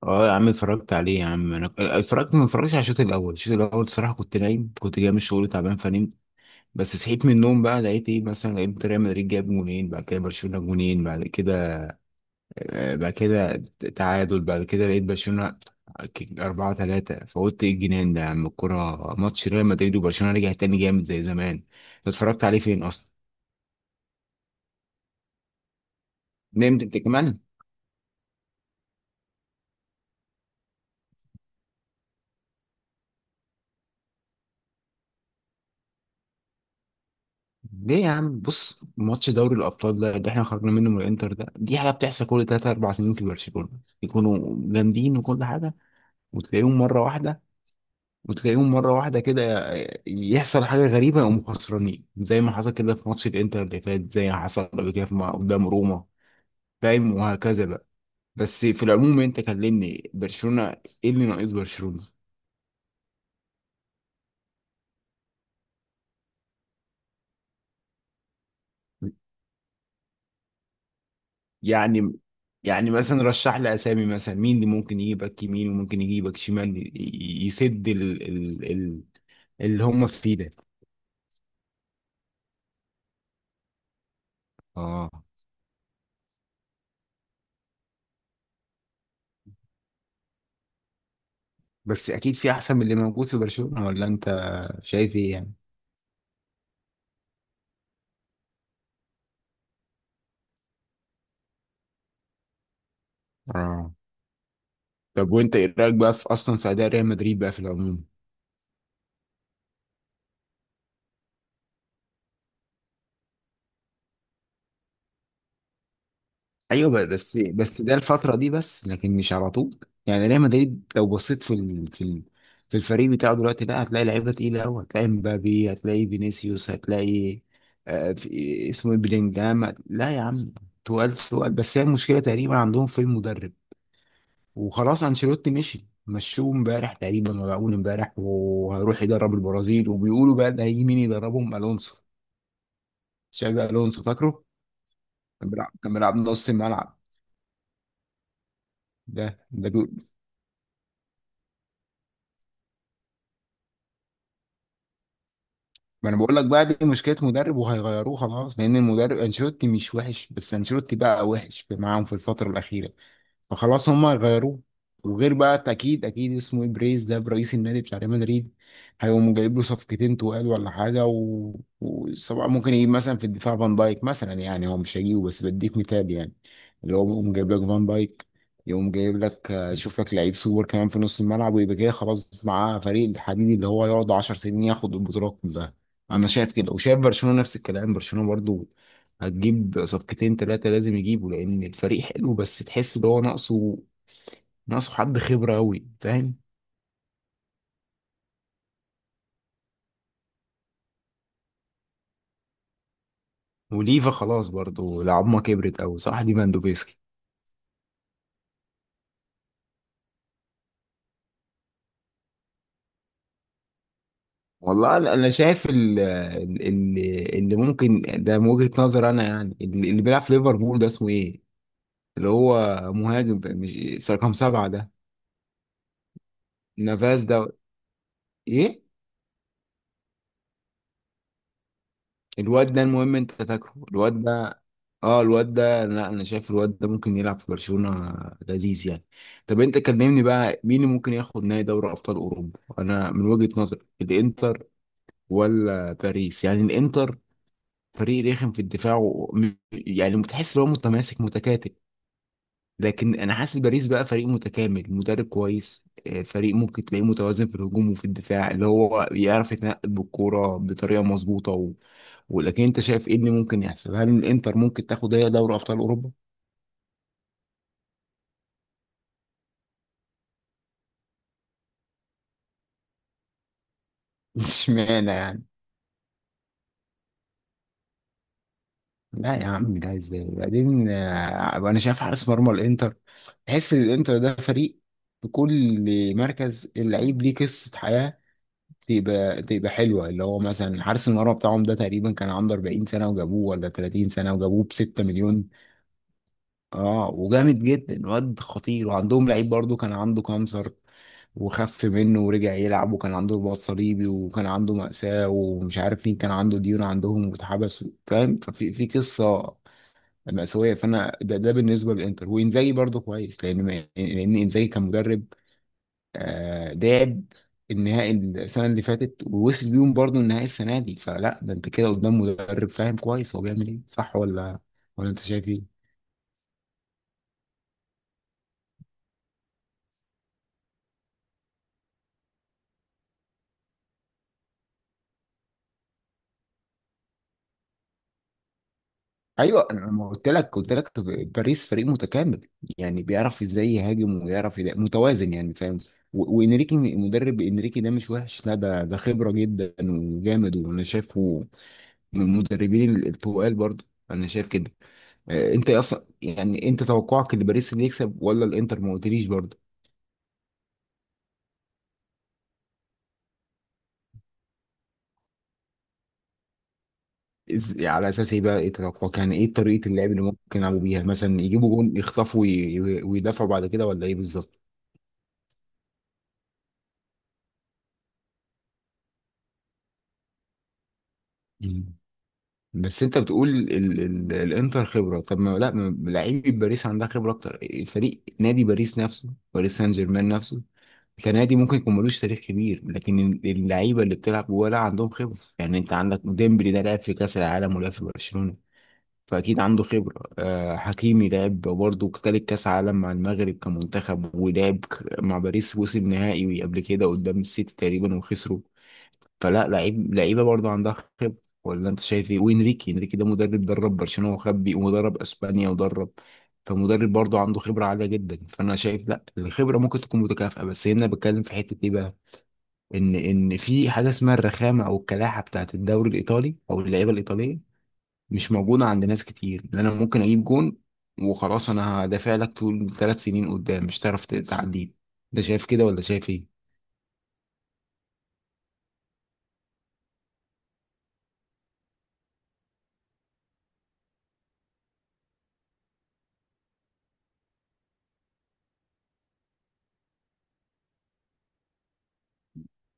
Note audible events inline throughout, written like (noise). اه يا عم اتفرجت عليه يا عم انا اتفرجت ما اتفرجتش على الشوط الاول الصراحه كنت نايم، كنت جاي من الشغل تعبان فنمت. بس صحيت من النوم بقى لقيت ايه، مثلا لقيت ريال مدريد جاب جونين بعد كده برشلونه جونين بعد كده، بعد كده تعادل، بعد كده لقيت برشلونه أربعة تلاتة. فقلت ايه الجنان ده يا عم، الكورة ماتش ريال مدريد وبرشلونة رجع تاني جامد زي زمان. أنت اتفرجت عليه فين أصلا؟ نمت أنت كمان؟ ليه يا عم؟ بص، ماتش دوري الابطال ده اللي احنا خرجنا منه من الانتر ده، دي حاجه بتحصل كل 3 4 سنين في برشلونه، يكونوا جامدين وكل حاجه، وتلاقيهم مره واحده كده يحصل حاجه غريبه يقوموا خسرانين زي ما حصل كده في ماتش الانتر اللي فات، زي ما حصل قبل كده قدام روما، فاهم؟ وهكذا بقى. بس في العموم، انت كلمني برشلونه، ايه اللي ناقص برشلونه؟ يعني يعني مثلا رشح لي اسامي، مثلا مين اللي ممكن يجيبك يمين وممكن يجيبك شمال، يسد ال اللي هم فيه ده. اه. بس اكيد في احسن من اللي موجود في برشلونة، ولا انت شايف ايه يعني؟ اه. طب وانت ايه رايك بقى في اصلا في اداء ريال مدريد بقى في العموم؟ ايوه، بس ده الفتره دي بس، لكن مش على طول. يعني ريال مدريد لو بصيت في الفريق بتاعه دلوقتي، لا هتلاقي لعيبه تقيله قوي، هتلاقي مبابي هتلاقي فينيسيوس هتلاقي في اسمه إيه، بلينجهام. لا يا عم تقال تقال، بس هي المشكله تقريبا عندهم في المدرب، وخلاص انشيلوتي مشي مشوه امبارح تقريبا ولا اول امبارح، وهيروح يدرب البرازيل، وبيقولوا بقى ده هيجي مين يدربهم؟ الونسو، شابي الونسو فاكره؟ كان بيلعب نص الملعب. ده ما انا بقول لك بقى، دي مشكله مدرب وهيغيروه خلاص، لان المدرب انشيلوتي مش وحش، بس انشيلوتي بقى وحش في معاهم في الفتره الاخيره، فخلاص هما غيروه. وغير بقى، اكيد اكيد اسمه ايه، بريز ده برئيس النادي بتاع ريال مدريد، هيقوم جايب له صفقتين تقال ولا حاجه وسواء ممكن يجيب مثلا في الدفاع فان دايك مثلا، يعني هو مش هيجيبه بس بديك مثال يعني، اللي هو يقوم جايب لك فان دايك، يقوم جايب لك يشوف لك لعيب سوبر كمان في نص الملعب، ويبقى كده خلاص معاه فريق الحديد اللي هو يقعد 10 سنين ياخد البطولات كلها. انا شايف كده، وشايف برشلونه نفس الكلام، برشلونه برضو هتجيب صفقتين ثلاثة، لازم يجيبوا لأن الفريق حلو بس تحس إن هو ناقصه، ناقصه حد خبرة أوي فاهم. وليفا خلاص برضه العظمة كبرت أوي صح، ليفاندوفسكي. والله أنا شايف اللي ممكن ده من وجهة نظر أنا يعني، اللي بيلعب في ليفربول ده اسمه إيه؟ اللي هو مهاجم، مش رقم سبعة ده نافاز ده؟ إيه؟ الواد ده، المهم انت فاكره الواد ده. اه الواد ده، لا انا شايف الواد ده ممكن يلعب في برشلونة، لذيذ يعني. طب انت كلمني بقى، مين اللي ممكن ياخد نهائي دوري ابطال اوروبا؟ انا من وجهة نظري الانتر ولا باريس، يعني الانتر فريق رخم في الدفاع يعني متحس ان هو متماسك متكاتل، لكن انا حاسس باريس بقى فريق متكامل، مدرب كويس، فريق ممكن تلاقيه متوازن في الهجوم وفي الدفاع، اللي هو يعرف يتنقل بالكوره بطريقه مظبوطه. ولكن انت شايف ايه اللي ممكن يحصل؟ هل الانتر ممكن تاخد هي دوري ابطال اوروبا؟ (laughs) اشمعنى يعني؟ لا يا عم، ده ازاي؟ بعدين انا شايف حارس مرمى الانتر، تحس ان الانتر ده فريق في كل مركز اللعيب ليه قصة حياة، تبقى حلوة، اللي هو مثلا حارس المرمى بتاعهم ده تقريبا كان عنده 40 سنة وجابوه، ولا 30 سنة وجابوه ب 6 مليون. اه. وجامد جدا، واد خطير، وعندهم لعيب برضو كان عنده كانسر وخف منه ورجع يلعب، وكان عنده رباط صليبي، وكان عنده مأساة، ومش عارف مين كان عنده ديون عندهم واتحبس فاهم، ففي في قصة مأساوية. فأنا ده بالنسبة للإنتر. وإنزاجي برضو كويس، لأن ما- لأن إنزاجي كان مدرب، لعب النهائي السنة اللي فاتت، ووصل بيهم برضو النهائي السنة دي، فلا ده أنت كده قدام مدرب فاهم كويس هو بيعمل إيه، صح ولا أنت شايف إيه؟ ايوه، انا ما قلت لك، قلت لك باريس فريق متكامل يعني بيعرف ازاي يهاجم ويعرف متوازن يعني فاهم، وانريكي مدرب، انريكي ده مش وحش، لا ده خبره جدا وجامد، وانا شايفه من المدربين التقال برضه. انا شايف كده. انت اصلا يعني انت توقعك ان باريس اللي يكسب ولا الانتر؟ ما قلتليش برضه. على اساس ايه بقى؟ ايه توقعك يعني؟ ايه طريقه اللعب اللي ممكن يلعبوا بيها؟ مثلا يجيبوا جون يخطفوا ويدافعوا بعد كده ولا ايه بالظبط؟ بس انت بتقول ال ال الانتر خبره؟ طب ما لا لعيبه باريس عندها خبره اكتر. فريق نادي باريس نفسه، باريس سان جيرمان نفسه كنادي ممكن يكون ملوش تاريخ كبير، لكن اللعيبه اللي بتلعب جوه لا عندهم خبره. يعني انت عندك ديمبلي ده لعب في كاس العالم ولعب في برشلونه فاكيد عنده خبره. آه حكيمي لعب برضه تالت كاس عالم مع المغرب كمنتخب ولعب مع باريس، وصل نهائي قبل كده قدام السيتي تقريبا وخسروا. فلا لعيب، لعيبه برضه عندها خبره، ولا انت شايف ايه؟ وانريكي، انريكي ده مدرب درب برشلونه وخبي، ومدرب اسبانيا ودرب. فمدرب برضه عنده خبره عاليه جدا، فانا شايف لا الخبره ممكن تكون متكافئه، بس هنا بتكلم في حته ايه بقى، ان في حاجه اسمها الرخامه او الكلاحه بتاعت الدوري الايطالي او اللعيبه الايطاليه مش موجوده عند ناس كتير، لان انا ممكن اجيب جون وخلاص، انا هدافع لك طول ثلاث سنين قدام مش هتعرف تعديه. ده شايف كده ولا شايف ايه؟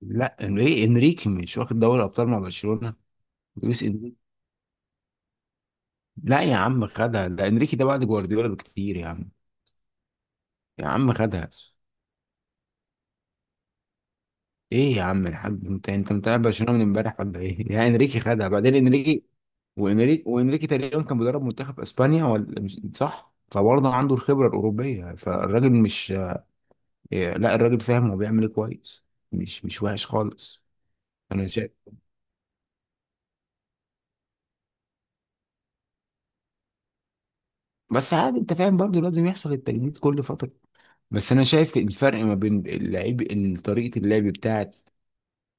لا انريكي، انريكي مش واخد دوري ابطال مع برشلونه؟ لويس انريكي. لا يا عم خدها، ده انريكي ده بعد جوارديولا بكتير يا عم، يا عم خدها. ايه يا عم الحاج؟ انت متابع برشلونه من امبارح ولا ايه؟ يا انريكي خدها بعدين انريكي. وانريكي تقريبا كان بيدرب منتخب اسبانيا ولا مش صح؟ فبرضه عنده الخبره الاوروبيه، فالراجل مش لا الراجل فاهم هو بيعمل ايه كويس، مش وحش خالص. انا شايف بس عادي انت فاهم برضه لازم يحصل التجديد كل فتره، بس انا شايف الفرق ما بين اللعيب طريقه اللعب بتاعه،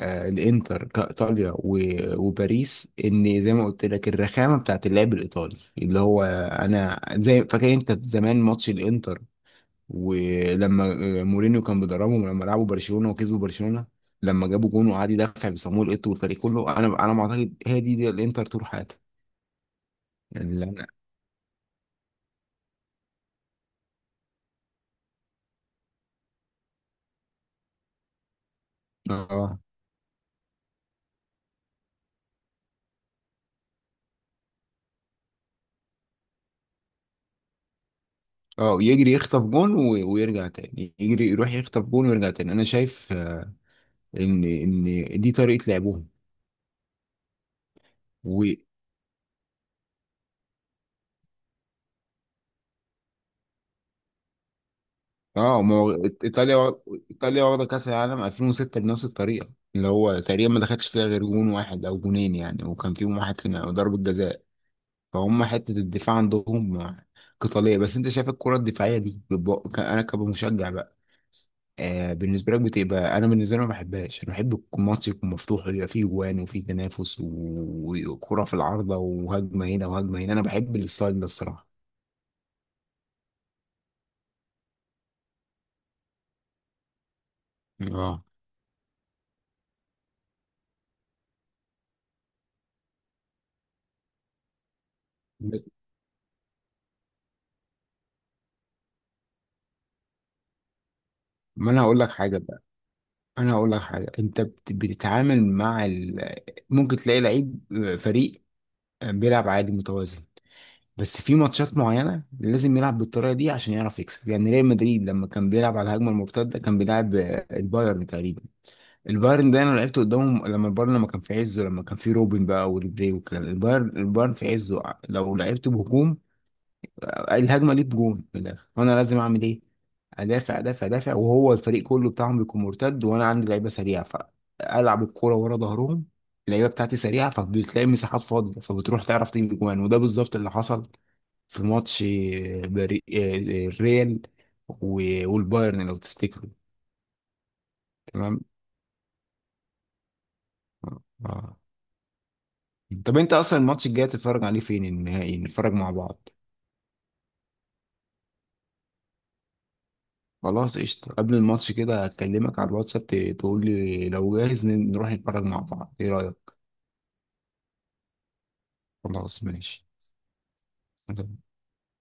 الانتر كايطاليا وباريس، ان زي ما قلت لك الرخامه بتاعت اللعب الايطالي، اللي هو انا زي فاكر انت زمان ماتش الانتر ولما مورينيو كان بيدربهم لما لعبوا برشلونه وكسبوا برشلونه، لما جابوا جون وقعد يدافع بصامويل ايتو والفريق كله، انا انا ما اعتقد هي دي الانتر طول حياتها، يعني اللي انا. اه اه يجري يخطف جون ويرجع تاني يجري يروح يخطف جون ويرجع تاني، انا شايف ان دي طريقه لعبهم. اه ما هو ايطاليا وا- ايطاليا واخده كاس العالم 2006 بنفس الطريقه، اللي هو تقريبا ما دخلش فيها غير جون واحد او جونين يعني، وكان فيهم واحد في ضربه جزاء، فهم حته الدفاع عندهم قتاليه. بس انت شايف الكره الدفاعيه دي انا كمشجع بقى آه بالنسبه لك بتبقى، انا بالنسبه لي ما بحبهاش، انا بحب يكون الماتش يكون مفتوح ويبقى فيه جوان وفيه تنافس وكره في العارضه وهجمه هنا وهجمه هنا، انا بحب الستايل ده الصراحه. اه ما انا هقول لك حاجه، انا اقول لك حاجه، انت بتتعامل مع ممكن تلاقي لعيب فريق بيلعب عادي متوازن، بس في ماتشات معينه لازم يلعب بالطريقه دي عشان يعرف يكسب، يعني ريال مدريد لما كان بيلعب على الهجمه المرتده كان بيلعب البايرن تقريبا. البايرن ده انا لعبت قدامهم لما البايرن لما كان في عزه لما كان في روبن بقى وريبري والكلام ده. البايرن في عزه لو لعبت بهجوم الهجمه ليك جون من الاخر، وانا لازم اعمل ايه؟ ادافع ادافع ادافع، وهو الفريق كله بتاعهم بيكون مرتد، وانا عندي لعيبه سريعه فالعب الكوره ورا ظهرهم، اللعيبه بتاعتي سريعه فبتلاقي مساحات فاضيه فبتروح تعرف تجيب جوان، وده بالظبط اللي حصل في ماتش بري... الريال والبايرن لو تفتكروا. تمام. آه. آه. طب انت اصلا الماتش الجاي هتتفرج عليه فين؟ النهائي نتفرج مع بعض؟ خلاص قشطة، قبل الماتش كده هكلمك على الواتساب، تقول لي لو جاهز نروح نتفرج مع بعض، ايه رأيك؟ خلاص ماشي.